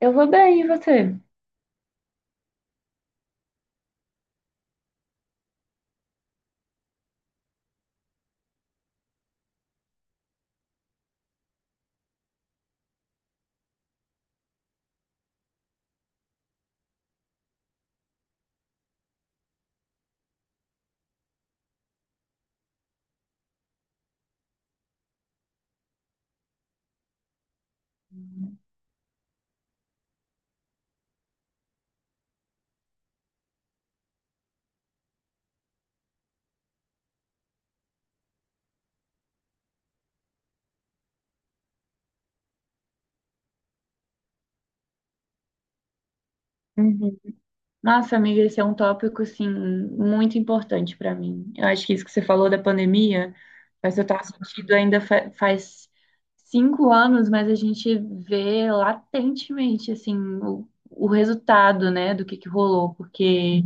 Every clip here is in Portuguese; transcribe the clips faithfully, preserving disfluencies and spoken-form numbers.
Eu vou bem, e você? Uhum. Nossa, amiga, esse é um tópico, assim, muito importante para mim. Eu acho que isso que você falou da pandemia faz total sentido. Ainda fa- faz cinco anos, mas a gente vê latentemente, assim, o, o resultado, né, do que que rolou, porque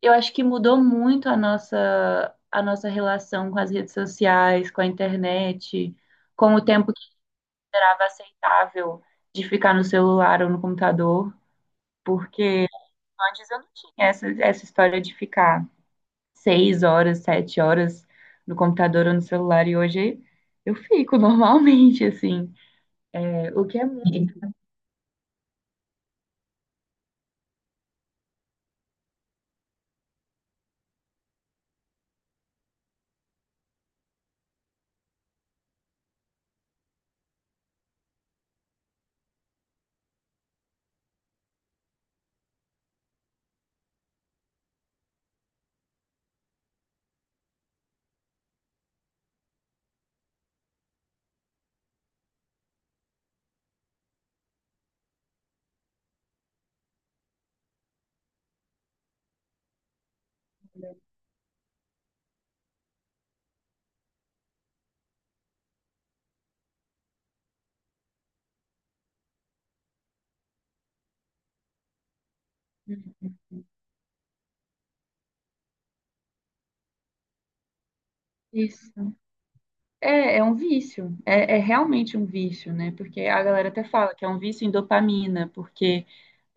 eu acho que mudou muito a nossa, a nossa relação com as redes sociais, com a internet, com o tempo que era aceitável de ficar no celular ou no computador. Porque antes eu não tinha essa, essa história de ficar seis horas, sete horas no computador ou no celular, e hoje eu fico normalmente, assim. É, o que é muito. Isso. É, é um vício. É, é realmente um vício, né? Porque a galera até fala que é um vício em dopamina, porque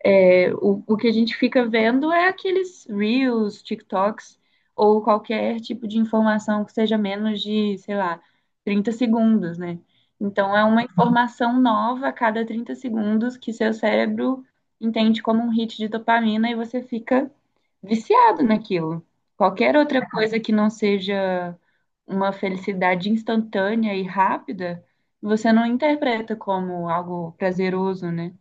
é, o, o que a gente fica vendo é aqueles Reels, TikToks, ou qualquer tipo de informação que seja menos de, sei lá, trinta segundos, né? Então, é uma informação nova a cada trinta segundos que seu cérebro entende como um hit de dopamina e você fica viciado naquilo. Qualquer outra coisa que não seja uma felicidade instantânea e rápida, você não interpreta como algo prazeroso, né?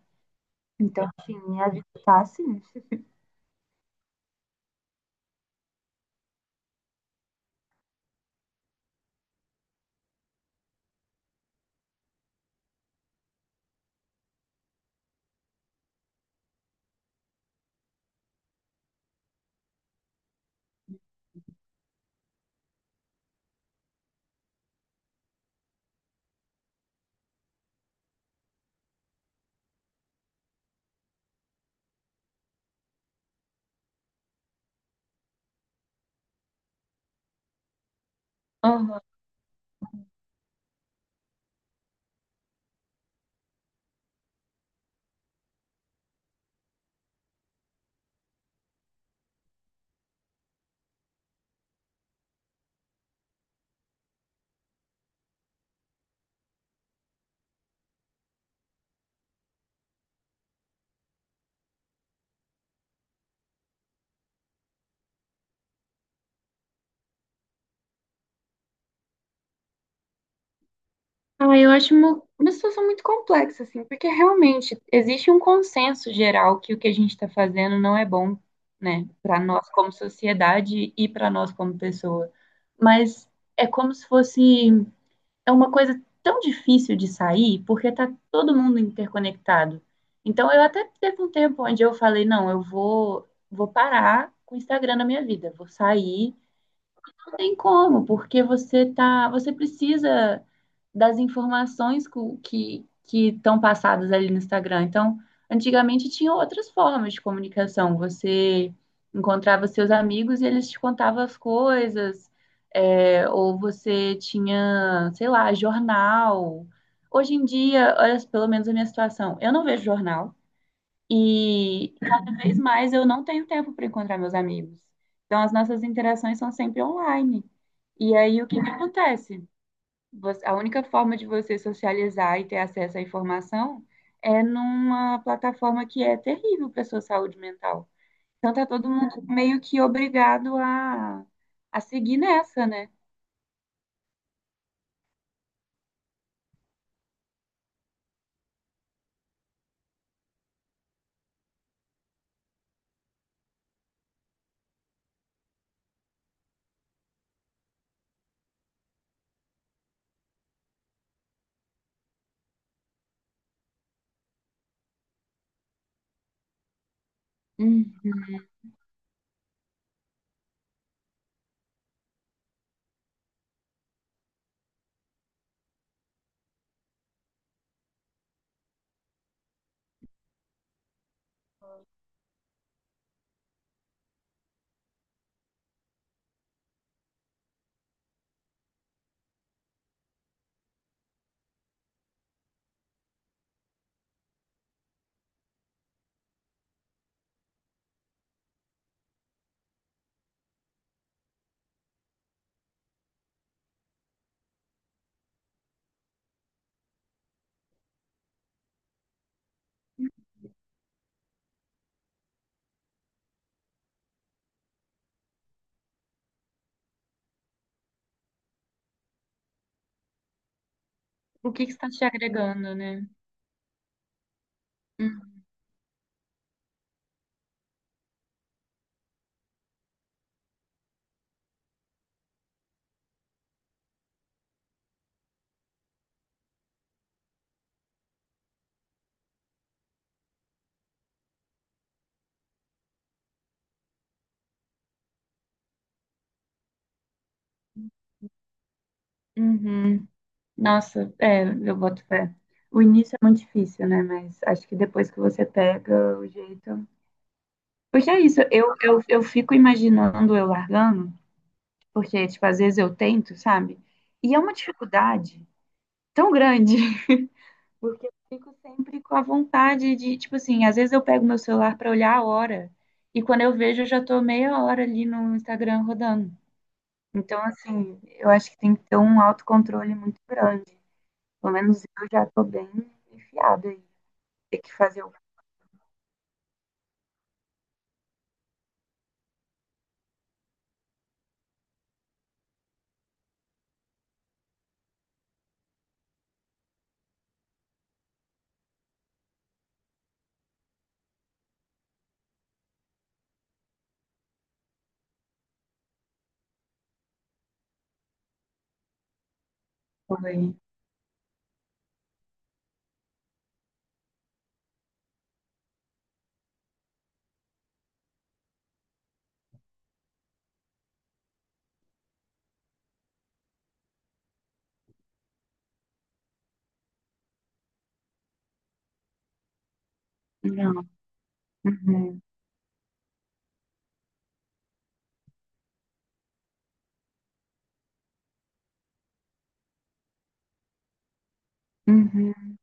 Então tinha de estar assim. Aham. Ah, eu acho uma, uma situação muito complexa, assim, porque realmente existe um consenso geral que o que a gente está fazendo não é bom, né, para nós como sociedade e para nós como pessoa. Mas é como se fosse, é uma coisa tão difícil de sair, porque tá todo mundo interconectado. Então, eu até teve um tempo onde eu falei, não, eu vou, vou parar com o Instagram na minha vida, vou sair. Não tem como, porque você tá, você precisa das informações cu- que que estão passadas ali no Instagram. Então, antigamente tinha outras formas de comunicação. Você encontrava seus amigos e eles te contavam as coisas, é, ou você tinha, sei lá, jornal. Hoje em dia, olha, pelo menos a minha situação, eu não vejo jornal. E cada vez mais eu não tenho tempo para encontrar meus amigos. Então as nossas interações são sempre online. E aí o que que acontece? Você- a única forma de você socializar e ter acesso à informação é numa plataforma que é terrível para sua saúde mental. Então tá todo mundo meio que obrigado a, a seguir nessa, né? Hum. O que que está te agregando, né? Hum. Uhum. Nossa, é, eu boto fé. O início é muito difícil, né? Mas acho que depois que você pega o jeito. Porque é isso, eu, eu, eu fico imaginando eu largando, porque, tipo, às vezes eu tento, sabe? E é uma dificuldade tão grande, porque eu fico sempre com a vontade de, tipo assim, às vezes eu pego meu celular pra olhar a hora, e quando eu vejo, eu já tô meia hora ali no Instagram rodando. Então, assim, eu acho que tem que ter um autocontrole muito grande. Pelo menos eu já tô bem enfiada. Tem que fazer o fogo aí. Não. Uhum. Uhum.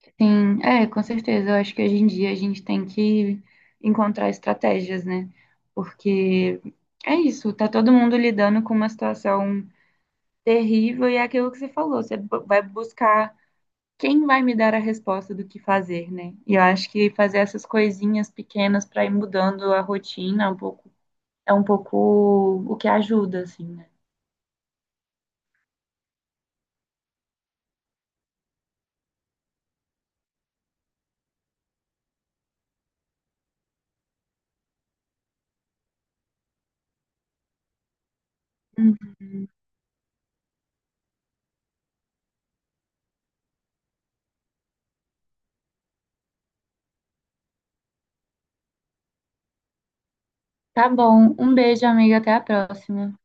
Sim, é, com certeza. Eu acho que hoje em dia a gente tem que encontrar estratégias, né? Porque é isso, tá todo mundo lidando com uma situação terrível e é aquilo que você falou, você bu- vai buscar quem vai me dar a resposta do que fazer, né? E eu acho que fazer essas coisinhas pequenas para ir mudando a rotina é um pouco é um pouco o que ajuda, assim, né? Hum. Tá bom, um beijo, amiga, até a próxima.